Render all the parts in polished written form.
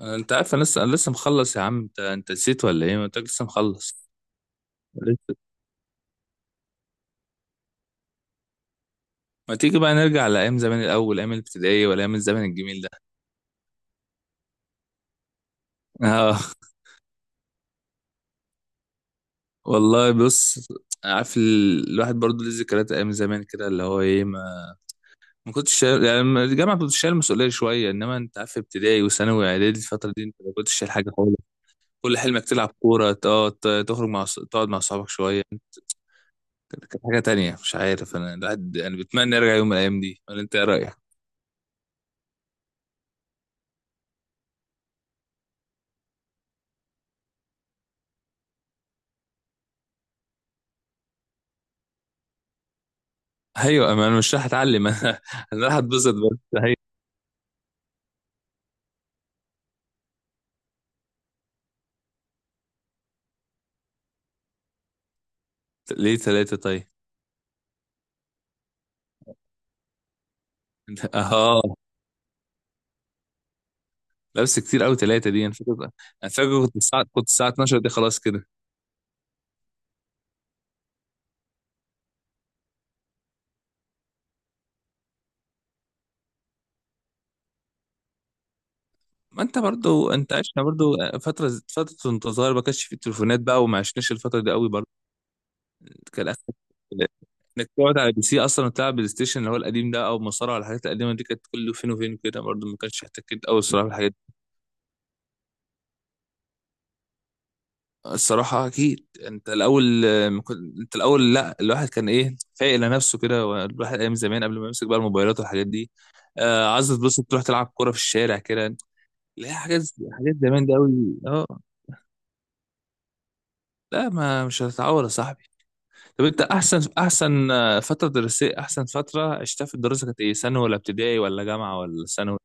انت عارف انا لسه مخلص يا عم انت نسيت ولا ايه؟ ما انت لسه مخلص. لسه ما تيجي بقى نرجع لايام زمان الاول، ايام الابتدائيه ولا ايام الزمن الجميل ده. اه والله بص، عارف الواحد برضه ليه ذكريات ايام زمان كده، اللي هو ايه، ما كنتش شايل يعني. لما الجامعه كنت شايل مسؤوليه شويه، انما انت عارف ابتدائي وثانوي واعدادي الفتره دي انت ما كنتش شايل حاجه خالص. كل حلمك تلعب كوره، تخرج تقعد مع صحابك شويه. كانت حاجه تانية، مش عارف انا، الواحد يعني بتمنى يرجع يوم من الايام دي، ولا انت ايه رايك؟ ايوه، ما انا مش راح اتعلم. انا راح اتبسط بس. هي ليه ثلاثة طيب؟ اه، لبس كتير قوي ثلاثة دي انا فاكر. انا فاكر كنت الساعة 12 دي خلاص كده. ما انت برضو، انت عشنا برضو فترة وانت صغير، ما كانش في التليفونات بقى، وما عشناش الفترة دي قوي برضو. كان اخرك انك تقعد على بي سي اصلا وتلعب بلاي ستيشن اللي هو القديم ده، او مصارعة. الحاجات القديمة دي كانت كله فين وفين كده، برضو ما كانش احتكيت قوي الصراحة. الصراحة أكيد أنت الأول، ما كنت- أنت الأول لأ، الواحد كان إيه، فايق لنفسه كده، والواحد أيام زمان قبل ما يمسك بقى الموبايلات والحاجات دي. عايز تبص تروح تلعب كورة في الشارع كده. لا، حاجات زمان دي أوي أه. لا، ما مش هتتعود يا صاحبي. طب أنت أحسن أحسن، فترة دراسية، أحسن فترة عشتها في الدراسة كانت إيه، ثانوي ولا ابتدائي ولا جامعة ولا ثانوي؟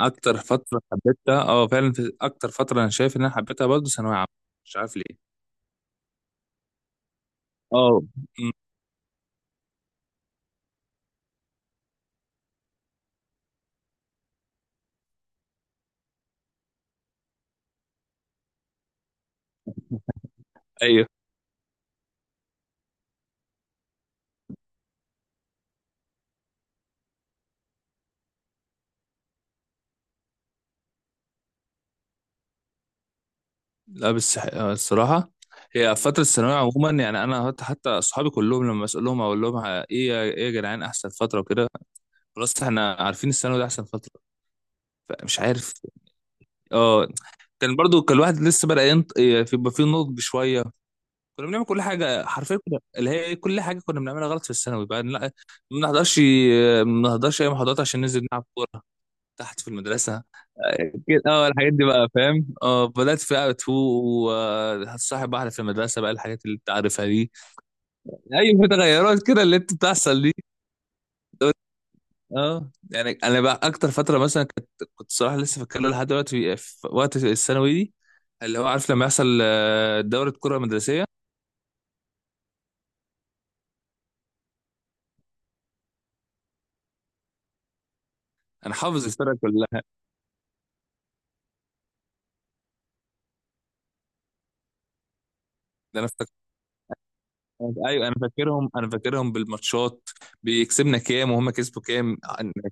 أكتر فترة حبيتها، أه فعلا، في أكتر فترة أنا شايف إن أنا حبيتها برضه ثانوية عامة، مش عارف ليه. أه، أمم، أيوه. لا بس، الصراحة، هي فترة الثانوية عموما يعني، أنا حتى أصحابي كلهم لما أسألهم أقول لهم، إيه يا جدعان، أحسن فترة وكده، خلاص إحنا عارفين الثانوي ده أحسن فترة. فمش عارف. أه، كان برضو كان الواحد لسه بدأ ينط يبقى فيه نضج شوية. كنا بنعمل كل حاجة، حرفيا كنا اللي هي كل حاجة كنا بنعملها غلط في الثانوي بقى. لا، ما بنحضرش أي محاضرات عشان ننزل نلعب كورة تحت في المدرسة. كده، الحاجات دي بقى، فاهم، بدأت في بقى تو وهتصاحب واحدة في المدرسة بقى، الحاجات اللي انت عارفها دي. ايوه، في تغيرات كده اللي انت بتحصل دي. اه يعني انا بقى، اكتر فترة مثلا كنت، كنت صراحة لسه فاكر له لحد دلوقتي في وقت الثانوي دي، اللي هو عارف لما يحصل دورة كرة مدرسية. انا حافظ الفرقة كلها. ده انا فاكر، ايوه انا فاكرهم بالماتشات، بيكسبنا كام وهم كسبوا كام،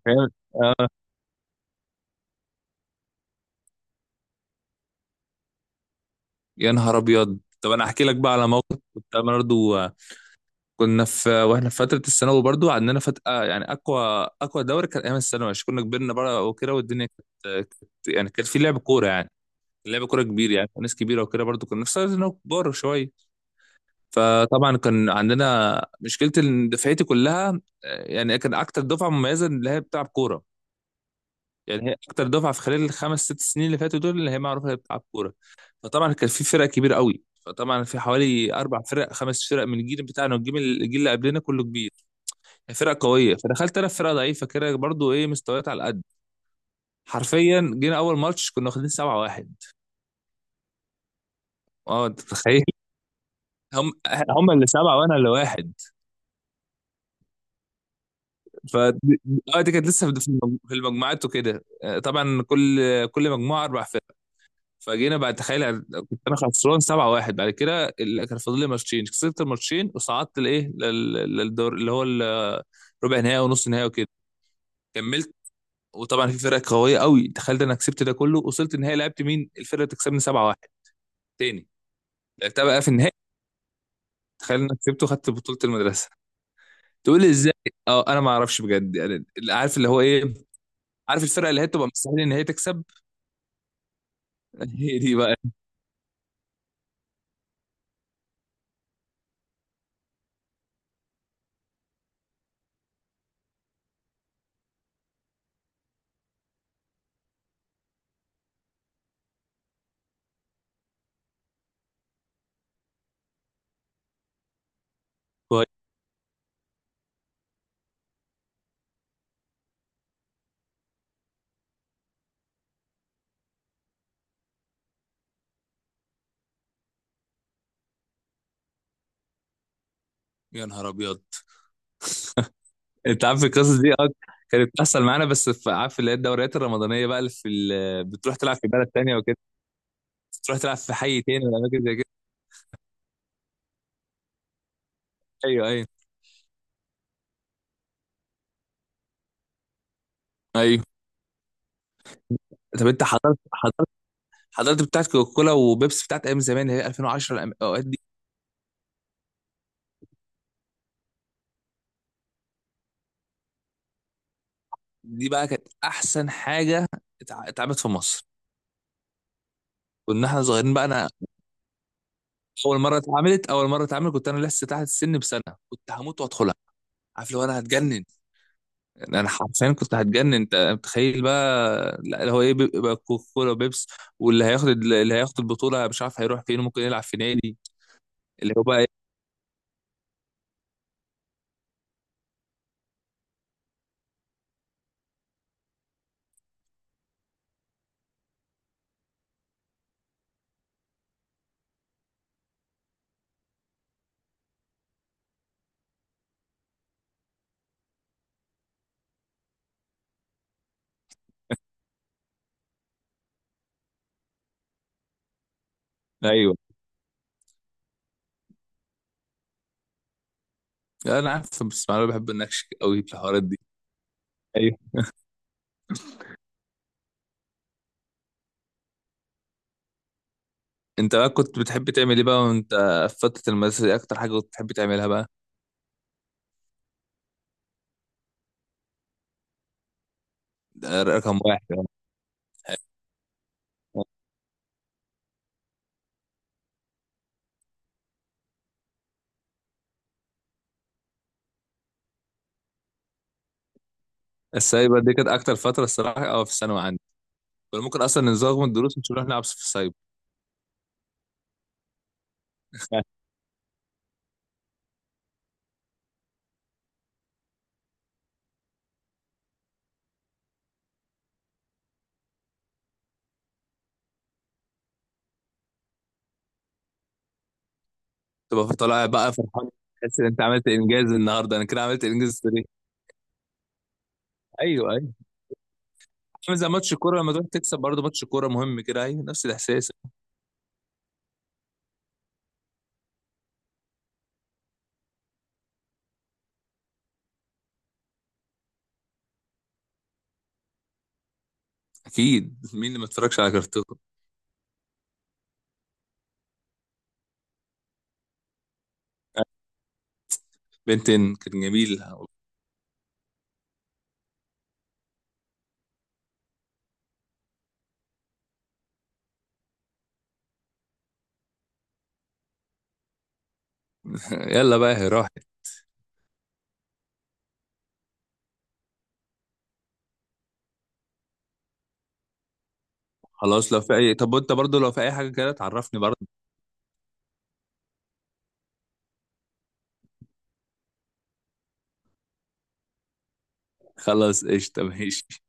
فاهم. يا نهار ابيض، طب انا احكي لك بقى على موقف كنت انا برضو. كنا في واحنا في فتره الثانوي برضو، عندنا فتره يعني اقوى، اقوى دوري كان ايام الثانوي، عشان كنا كبرنا بقى وكده، والدنيا يعني كان في لعب كوره يعني، كان لعب كوره كبير يعني، وناس كبيره وكده برضو، كنا في سنه كبار شويه. فطبعا كان عندنا مشكله ان دفعتي كلها، يعني كان اكتر دفعه مميزه اللي هي بتلعب كوره، يعني هي اكتر دفعه في خلال الخمس ست سنين اللي فاتوا دول، اللي هي معروفه اللي هي بتلعب كوره. فطبعا كان في فرق كبيره قوي، فطبعا في حوالي اربع فرق خمس فرق من الجيل بتاعنا، والجيل اللي قبلنا كله كبير، فرق قويه. فدخلت انا في فرقه ضعيفه كده برضو، ايه، مستويات على قد. حرفيا جينا اول ماتش كنا واخدين 7-1. اه، انت تتخيل؟ هم هم اللي سبعه وانا اللي واحد. ف اه، دي كانت لسه في المجموعات وكده. طبعا كل مجموعه اربع فرق، فجينا بعد. تخيل كنت انا خسران 7-1، بعد كده كان فاضل لي ماتشين، كسبت الماتشين وصعدت لايه، للدور اللي هو ربع نهائي ونص نهائي وكده. كملت، وطبعا في فرق قويه قوي، تخيل ده انا كسبت ده كله، وصلت النهائي، لعبت مين؟ الفرقه اللي تكسبني 7-1 تاني، لعبتها بقى في النهائي. تخيل انا كسبت وخدت بطوله المدرسه، تقول لي ازاي؟ اه انا ما اعرفش بجد يعني، اللي عارف اللي هو ايه، عارف الفرقه اللي هي تبقى مستحيل ان هي تكسب. هي دي بقى. يا نهار ابيض، انت عارف القصص دي، كانت بتحصل معانا، بس في، عارف، اللي هي الدوريات الرمضانيه بقى، اللي بتروح تلعب في بلد تانية وكده، بتروح تلعب في حي تاني ولا اماكن زي كده. ايوه ايوه ايوه. طب انت حضرت، حضرت بتاعت كوكا كولا وبيبسي، بتاعت ايام زمان اللي هي 2010، الاوقات دي. دي بقى كانت احسن حاجه اتعملت في مصر. كنا احنا صغيرين بقى انا، اول مره اتعملت كنت انا لسه تحت السن بسنه، كنت هموت وادخلها. عارف لو انا هتجنن، انا حرفيا كنت هتجنن. انت متخيل بقى؟ لا هو ايه، بيبقى كولا وبيبس، واللي هياخد البطوله مش عارف هيروح فين، ممكن يلعب في نادي، اللي هو بقى ايه. ايوه انا عارف، بس انا بحب النكش قوي في الحوارات دي. ايوه. انت بقى كنت بتحب تعمل ايه بقى، وانت في فتره المدرسه دي اكتر حاجه كنت بتحب تعملها بقى؟ ده رقم واحد يعني. السايبر دي كانت اكتر فتره الصراحه، في الثانوي عندي كنا ممكن اصلا نزوغ من الدروس مش نروح نلعب في السايبر. تبقى طالع بقى فرحان، تحس ان انت عملت انجاز النهارده، انا كده عملت انجاز في، ايوه. أيوه. عامل زي ماتش كوره، لما تروح تكسب برضه ماتش كوره مهم كده، ايوه نفس الاحساس. اكيد، مين اللي ما اتفرجش على كرتون؟ بنتين كان جميل. يلا بقى هي راحت. خلاص لو في اي، طب وانت برضه لو في اي حاجه كده تعرفني برضه. خلاص قشطه ماشي.